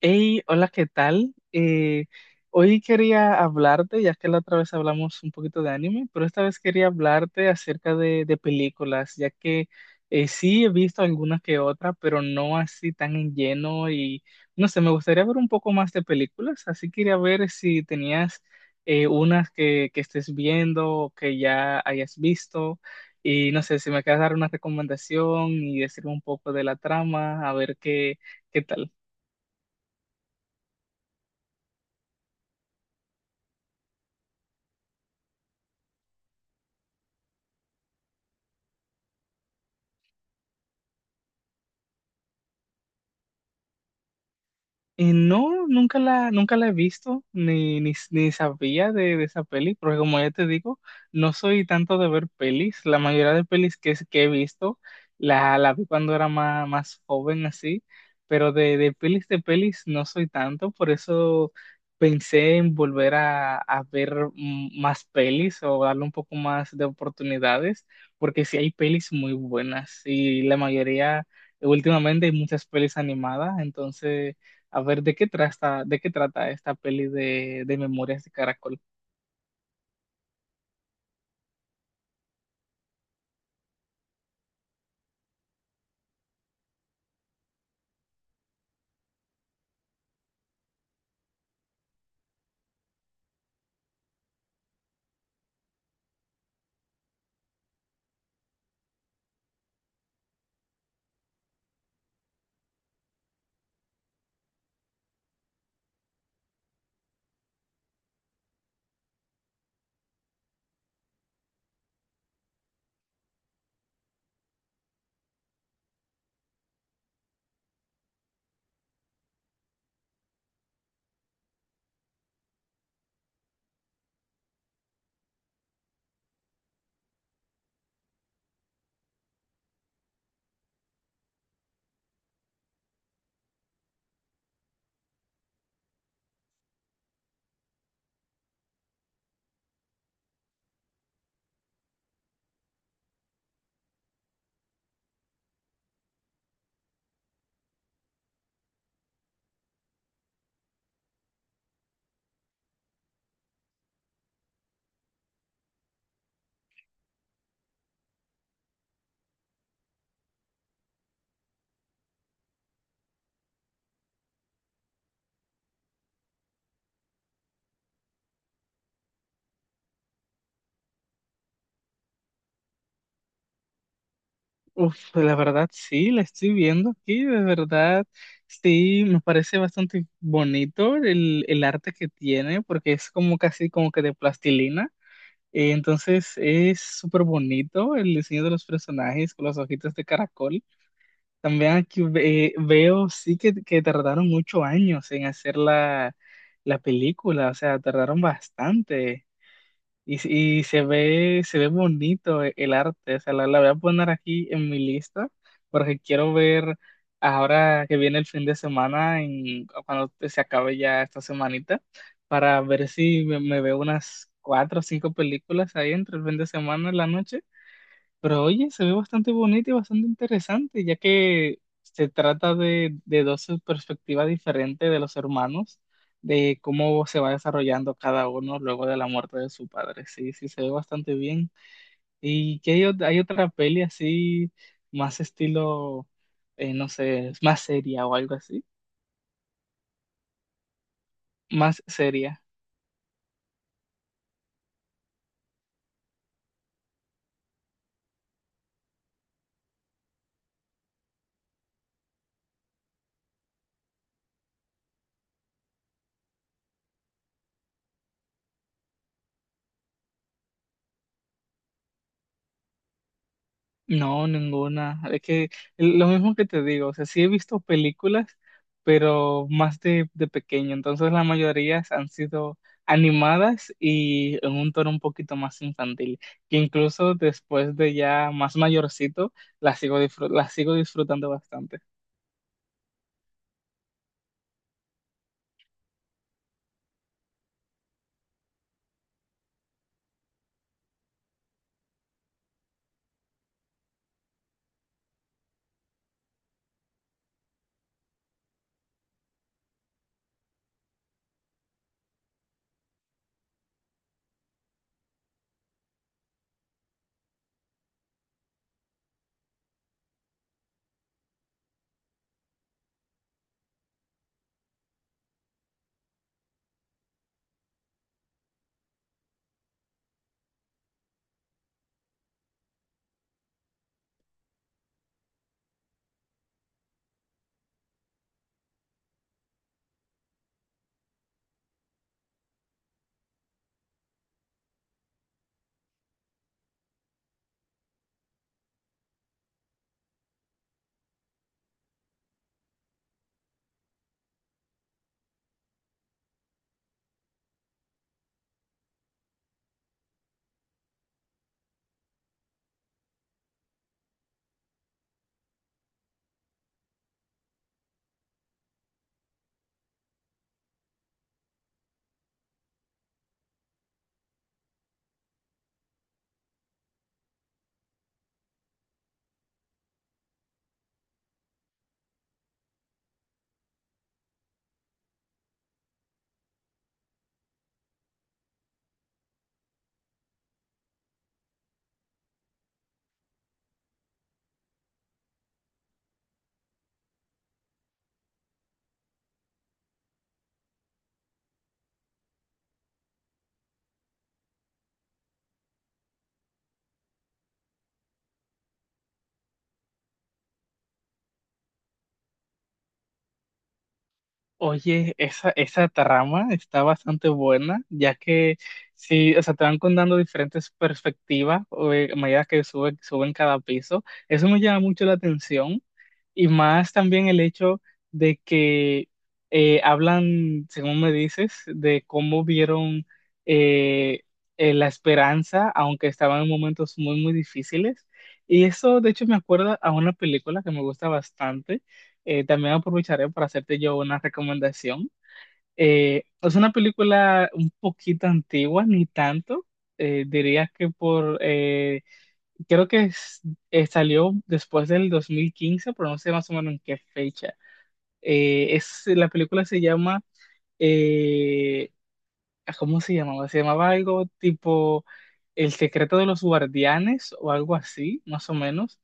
Hey, hola, ¿qué tal? Hoy quería hablarte, ya que la otra vez hablamos un poquito de anime, pero esta vez quería hablarte acerca de películas, ya que sí he visto algunas que otra, pero no así tan en lleno y no sé, me gustaría ver un poco más de películas, así quería ver si tenías unas que estés viendo o que ya hayas visto y no sé, si me quieres dar una recomendación y decirme un poco de la trama, a ver qué, qué tal. No, nunca la he visto, ni sabía de esa peli, porque como ya te digo, no soy tanto de ver pelis. La mayoría de pelis que he visto, la vi cuando era más joven así, pero de pelis no soy tanto, por eso pensé en volver a ver más pelis o darle un poco más de oportunidades, porque sí hay pelis muy buenas y la mayoría, últimamente hay muchas pelis animadas, entonces... A ver, de qué trata esta peli de Memorias de Caracol? Uf, pues, la verdad sí, la estoy viendo aquí, de verdad sí, me parece bastante bonito el arte que tiene, porque es como casi como que de plastilina. Entonces es súper bonito el diseño de los personajes con los ojitos de caracol. También aquí veo sí que tardaron muchos años en hacer la película, o sea, tardaron bastante. Y, se ve bonito el arte, o sea, la voy a poner aquí en mi lista porque quiero ver ahora que viene el fin de semana, cuando se acabe ya esta semanita, para ver si me veo unas cuatro o cinco películas ahí entre el fin de semana y la noche. Pero oye, se ve bastante bonito y bastante interesante, ya que se trata de dos perspectivas diferentes de los hermanos, de cómo se va desarrollando cada uno luego de la muerte de su padre. Sí, sí, se ve bastante bien. Y que hay, hay otra peli así, más estilo, no sé, más seria o algo así, más seria. No, ninguna. Es que lo mismo que te digo, o sea, sí he visto películas, pero más de pequeño. Entonces la mayoría han sido animadas y en un tono un poquito más infantil, que incluso después de ya más mayorcito, las sigo disfrutando bastante. Oye, esa trama está bastante buena, ya que sí, o sea, te van contando diferentes perspectivas o, a medida que sube, suben cada piso. Eso me llama mucho la atención y más también el hecho de que hablan, según me dices, de cómo vieron eh, la esperanza, aunque estaban en momentos muy, muy difíciles. Y eso, de hecho, me acuerda a una película que me gusta bastante. También aprovecharé para hacerte yo una recomendación. Es una película un poquito antigua, ni tanto. Diría que por, creo que salió después del 2015, pero no sé más o menos en qué fecha. La película se llama eh, ¿cómo se llamaba? Se llamaba algo tipo El secreto de los guardianes o algo así, más o menos.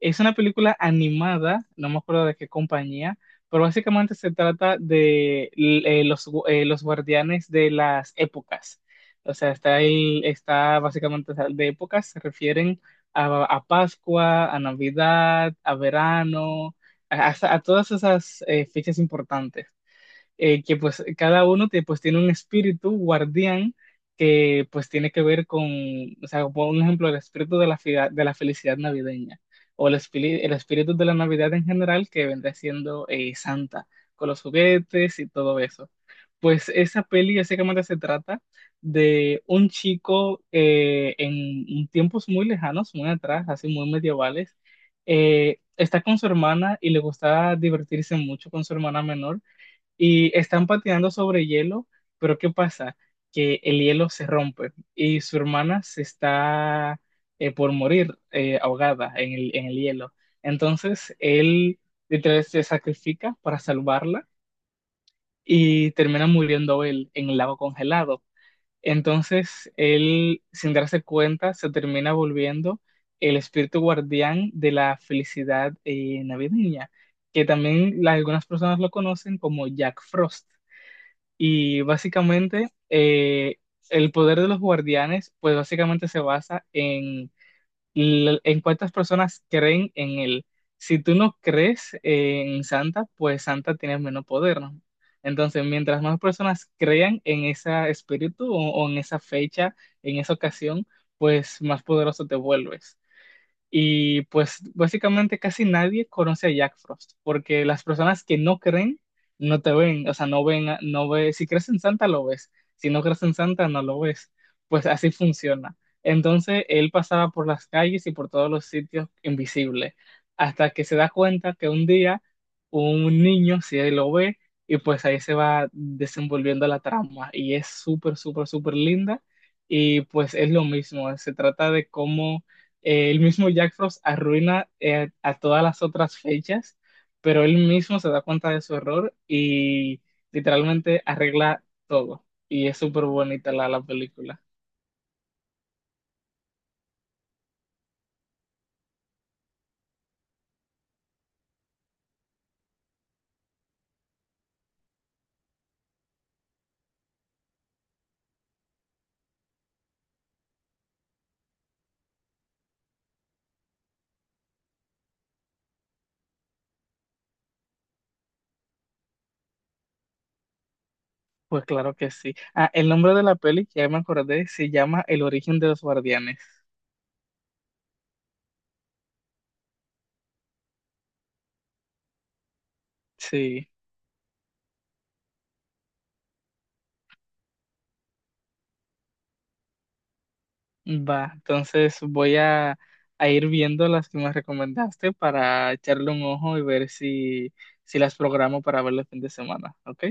Es una película animada, no me acuerdo de qué compañía, pero básicamente se trata de los guardianes de las épocas. O sea, está básicamente, o sea, de épocas, se refieren a Pascua, a Navidad, a verano, a todas esas fechas importantes que pues cada uno te, pues tiene un espíritu guardián que pues tiene que ver con, o sea, por un ejemplo, el espíritu de de la felicidad navideña o el espíritu de la Navidad en general, que vendrá siendo Santa, con los juguetes y todo eso. Pues esa peli básicamente se trata de un chico en tiempos muy lejanos, muy atrás, así muy medievales. Está con su hermana y le gusta divertirse mucho con su hermana menor y están patinando sobre hielo, pero ¿qué pasa? Que el hielo se rompe y su hermana se está por morir ahogada en en el hielo. Entonces él literalmente se sacrifica para salvarla y termina muriendo él en el lago congelado. Entonces él, sin darse cuenta, se termina volviendo el espíritu guardián de la felicidad navideña, que también algunas personas lo conocen como Jack Frost. Y básicamente el poder de los guardianes, pues básicamente se basa en, en cuántas personas creen en él. Si tú no crees en Santa, pues Santa tiene menos poder, ¿no? Entonces, mientras más personas crean en ese espíritu o en esa fecha, en esa ocasión, pues más poderoso te vuelves. Y pues básicamente casi nadie conoce a Jack Frost, porque las personas que no creen no te ven, o sea, no ven, no ves, si crees en Santa lo ves, si no crees en Santa no lo ves, pues así funciona. Entonces él pasaba por las calles y por todos los sitios invisible, hasta que se da cuenta que un día un niño sí lo ve, y pues ahí se va desenvolviendo la trama y es súper, súper, súper linda. Y pues es lo mismo, se trata de cómo el mismo Jack Frost arruina a todas las otras fechas, pero él mismo se da cuenta de su error y literalmente arregla todo. Y es súper bonita la película. Pues claro que sí. Ah, el nombre de la peli, ya me acordé, se llama El origen de los guardianes. Sí, va. Entonces voy a ir viendo las que me recomendaste para echarle un ojo y ver si, si las programo para verlo el fin de semana, ¿ok?